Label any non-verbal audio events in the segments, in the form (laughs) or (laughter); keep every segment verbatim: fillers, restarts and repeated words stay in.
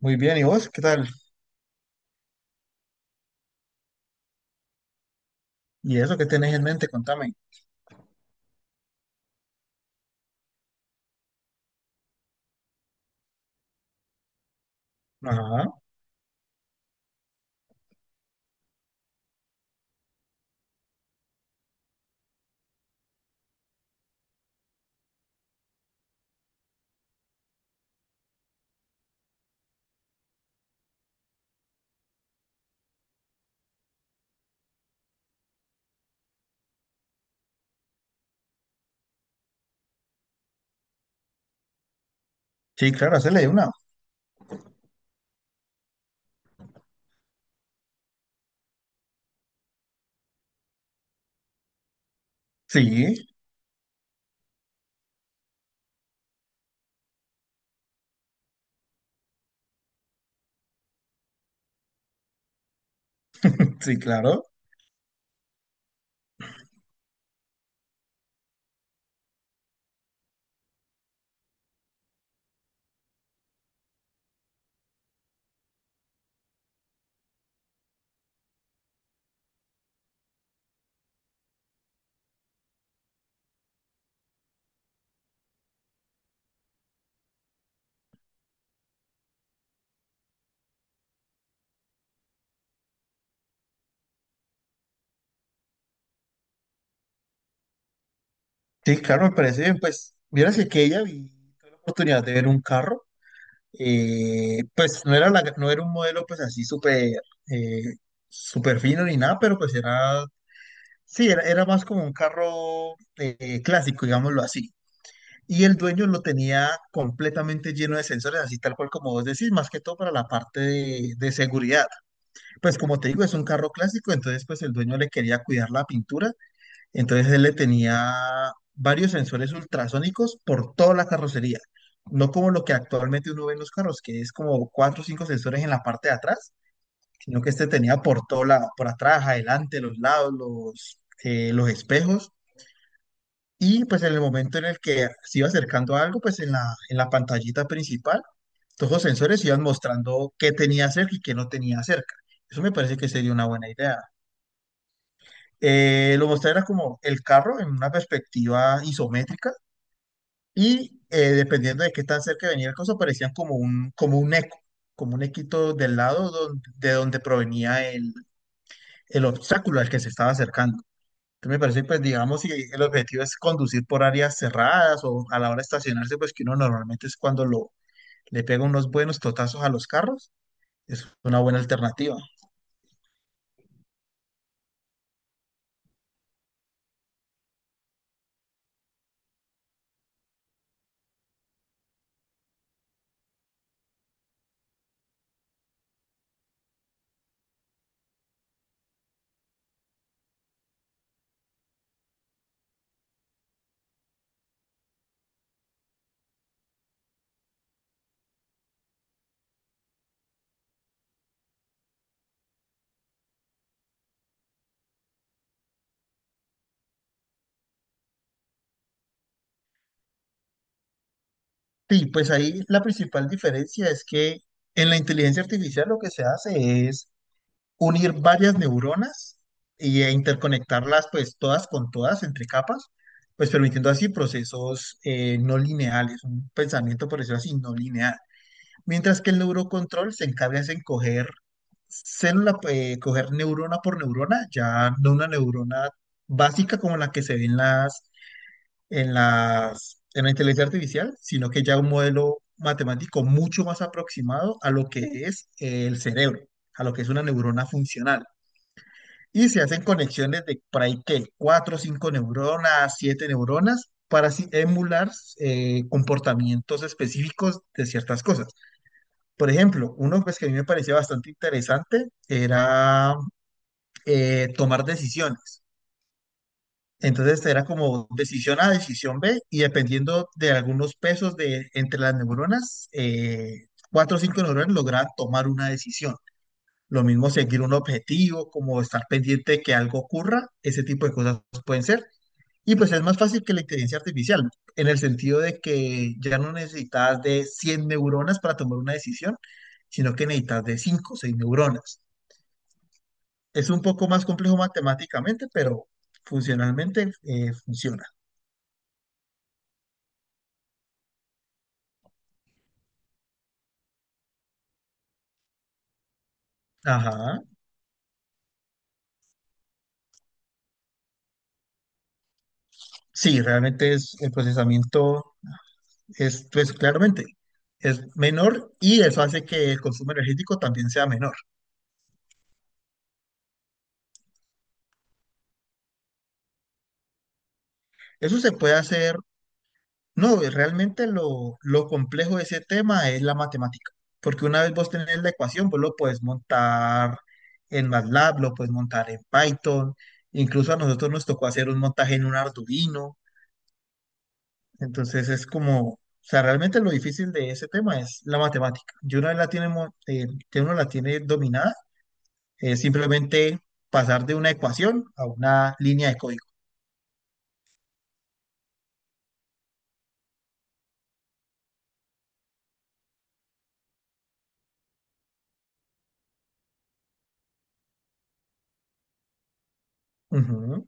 Muy bien, ¿y vos qué tal? ¿Y eso qué tenés en mente? Contame. Ajá. Sí, claro, hacerle de una. Sí, (laughs) sí, claro. Sí, claro, me parece bien. Pues, vieras que aquella vi tuve la oportunidad de ver un carro. Eh, pues no era la, no era un modelo pues así súper eh, súper fino ni nada, pero pues era, sí, era, era más como un carro eh, clásico, digámoslo así. Y el dueño lo tenía completamente lleno de sensores, así tal cual como vos decís, más que todo para la parte de de seguridad. Pues como te digo, es un carro clásico, entonces pues el dueño le quería cuidar la pintura, entonces él le tenía varios sensores ultrasónicos por toda la carrocería, no como lo que actualmente uno ve en los carros, que es como cuatro o cinco sensores en la parte de atrás, sino que este tenía por todo la, por atrás, adelante, los lados, los, eh, los espejos, y pues en el momento en el que se iba acercando a algo, pues en la, en la pantallita principal, todos los sensores iban mostrando qué tenía cerca y qué no tenía cerca. Eso me parece que sería una buena idea. Eh, lo mostrarás como el carro en una perspectiva isométrica y eh, dependiendo de qué tan cerca venía el coso, parecían como un, como un eco, como un equito del lado don- de donde provenía el, el obstáculo al que se estaba acercando. Entonces me parece, pues digamos, si el objetivo es conducir por áreas cerradas o a la hora de estacionarse, pues que uno normalmente es cuando lo, le pega unos buenos totazos a los carros, es una buena alternativa. Sí, pues ahí la principal diferencia es que en la inteligencia artificial lo que se hace es unir varias neuronas y- e interconectarlas pues todas con todas entre capas, pues permitiendo así procesos eh, no lineales, un pensamiento por decirlo así no lineal. Mientras que el neurocontrol se encarga es en coger célula, eh, coger neurona por neurona, ya no una neurona básica como la que se ve en las en las, en la inteligencia artificial, sino que ya un modelo matemático mucho más aproximado a lo que es eh, el cerebro, a lo que es una neurona funcional. Y se hacen conexiones de por ahí que cuatro, cinco neuronas, siete neuronas, para así emular eh, comportamientos específicos de ciertas cosas. Por ejemplo, uno pues, que a mí me parecía bastante interesante era eh, tomar decisiones. Entonces era como decisión A, decisión B, y dependiendo de algunos pesos de, entre las neuronas, eh, cuatro o cinco neuronas lograban tomar una decisión. Lo mismo seguir un objetivo, como estar pendiente de que algo ocurra, ese tipo de cosas pueden ser. Y pues es más fácil que la inteligencia artificial, en el sentido de que ya no necesitas de cien neuronas para tomar una decisión, sino que necesitas de cinco, o seis neuronas. Es un poco más complejo matemáticamente, pero funcionalmente eh, funciona. Ajá. Sí, realmente es el procesamiento es, pues claramente es menor y eso hace que el consumo energético también sea menor. Eso se puede hacer, no, eh, realmente lo, lo complejo de ese tema es la matemática, porque una vez vos tenés la ecuación, vos lo puedes montar en MATLAB, lo puedes montar en Python, incluso a nosotros nos tocó hacer un montaje en un Arduino, entonces es como, o sea, realmente lo difícil de ese tema es la matemática. Y una vez la tiene, mo- eh, que uno la tiene dominada, es simplemente pasar de una ecuación a una línea de código. Ujú.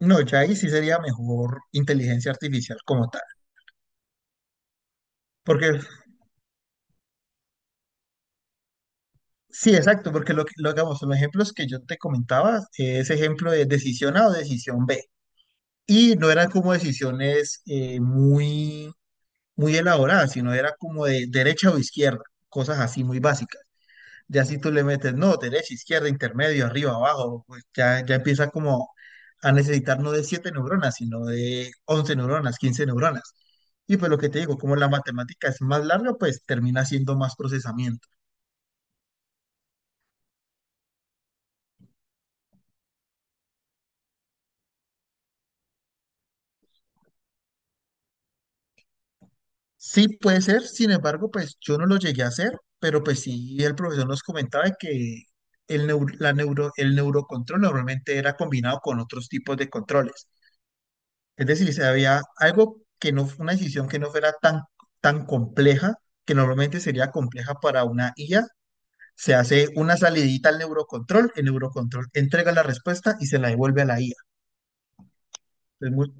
No, ya ahí sí sería mejor inteligencia artificial como tal. Porque, sí, exacto, porque lo que lo hagamos, los ejemplos que yo te comentaba, eh, ese ejemplo de decisión A o decisión B. Y no eran como decisiones eh, muy, muy elaboradas, sino era como de derecha o izquierda, cosas así muy básicas. Ya si tú le metes, no, derecha, izquierda, intermedio, arriba, abajo, pues ya, ya empieza como a necesitar no de siete neuronas, sino de once neuronas, quince neuronas. Y pues lo que te digo, como la matemática es más larga, pues termina siendo más procesamiento. Sí puede ser, sin embargo, pues yo no lo llegué a hacer, pero pues sí el profesor nos comentaba que el, neu- la neuro, el neurocontrol normalmente era combinado con otros tipos de controles. Es decir, se había algo que no, una decisión que no fuera tan, tan compleja, que normalmente sería compleja para una I A, se hace una salidita al neurocontrol, el neurocontrol entrega la respuesta y se la devuelve a la I A. Es muy-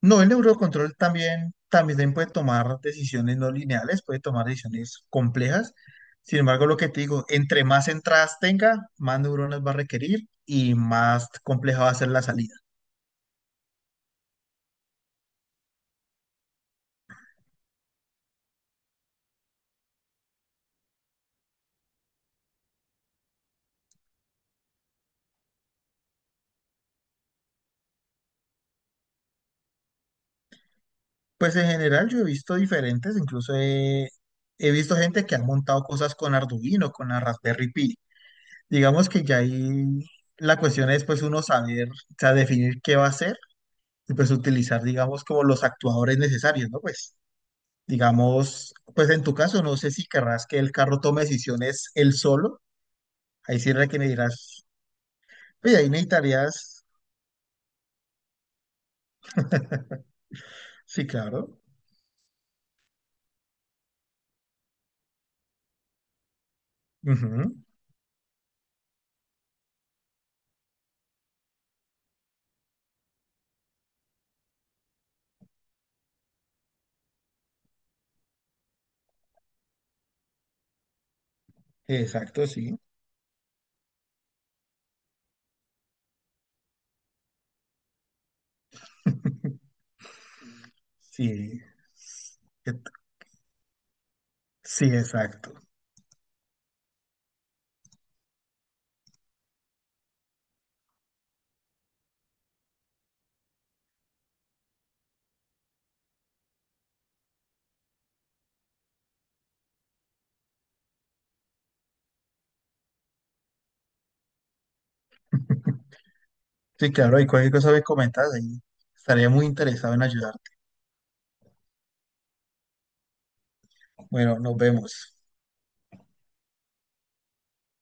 no, el neurocontrol también, también puede tomar decisiones no lineales, puede tomar decisiones complejas. Sin embargo, lo que te digo, entre más entradas tenga, más neuronas va a requerir y más compleja va a ser la salida. Pues en general yo he visto diferentes, incluso he, he visto gente que ha montado cosas con Arduino, con la Raspberry Pi. Digamos que ya ahí la cuestión es pues uno saber, o sea, definir qué va a hacer y pues utilizar, digamos, como los actuadores necesarios, ¿no? Pues digamos, pues en tu caso no sé si querrás que el carro tome decisiones él solo, ahí sí que me dirás, oye, ahí necesitarías, sí, claro, ujú, exacto, sí, sí, et- sí, exacto. Sí, claro, y cualquier cosa me comentas ahí. Estaría muy interesado en ayudarte. Bueno, nos vemos.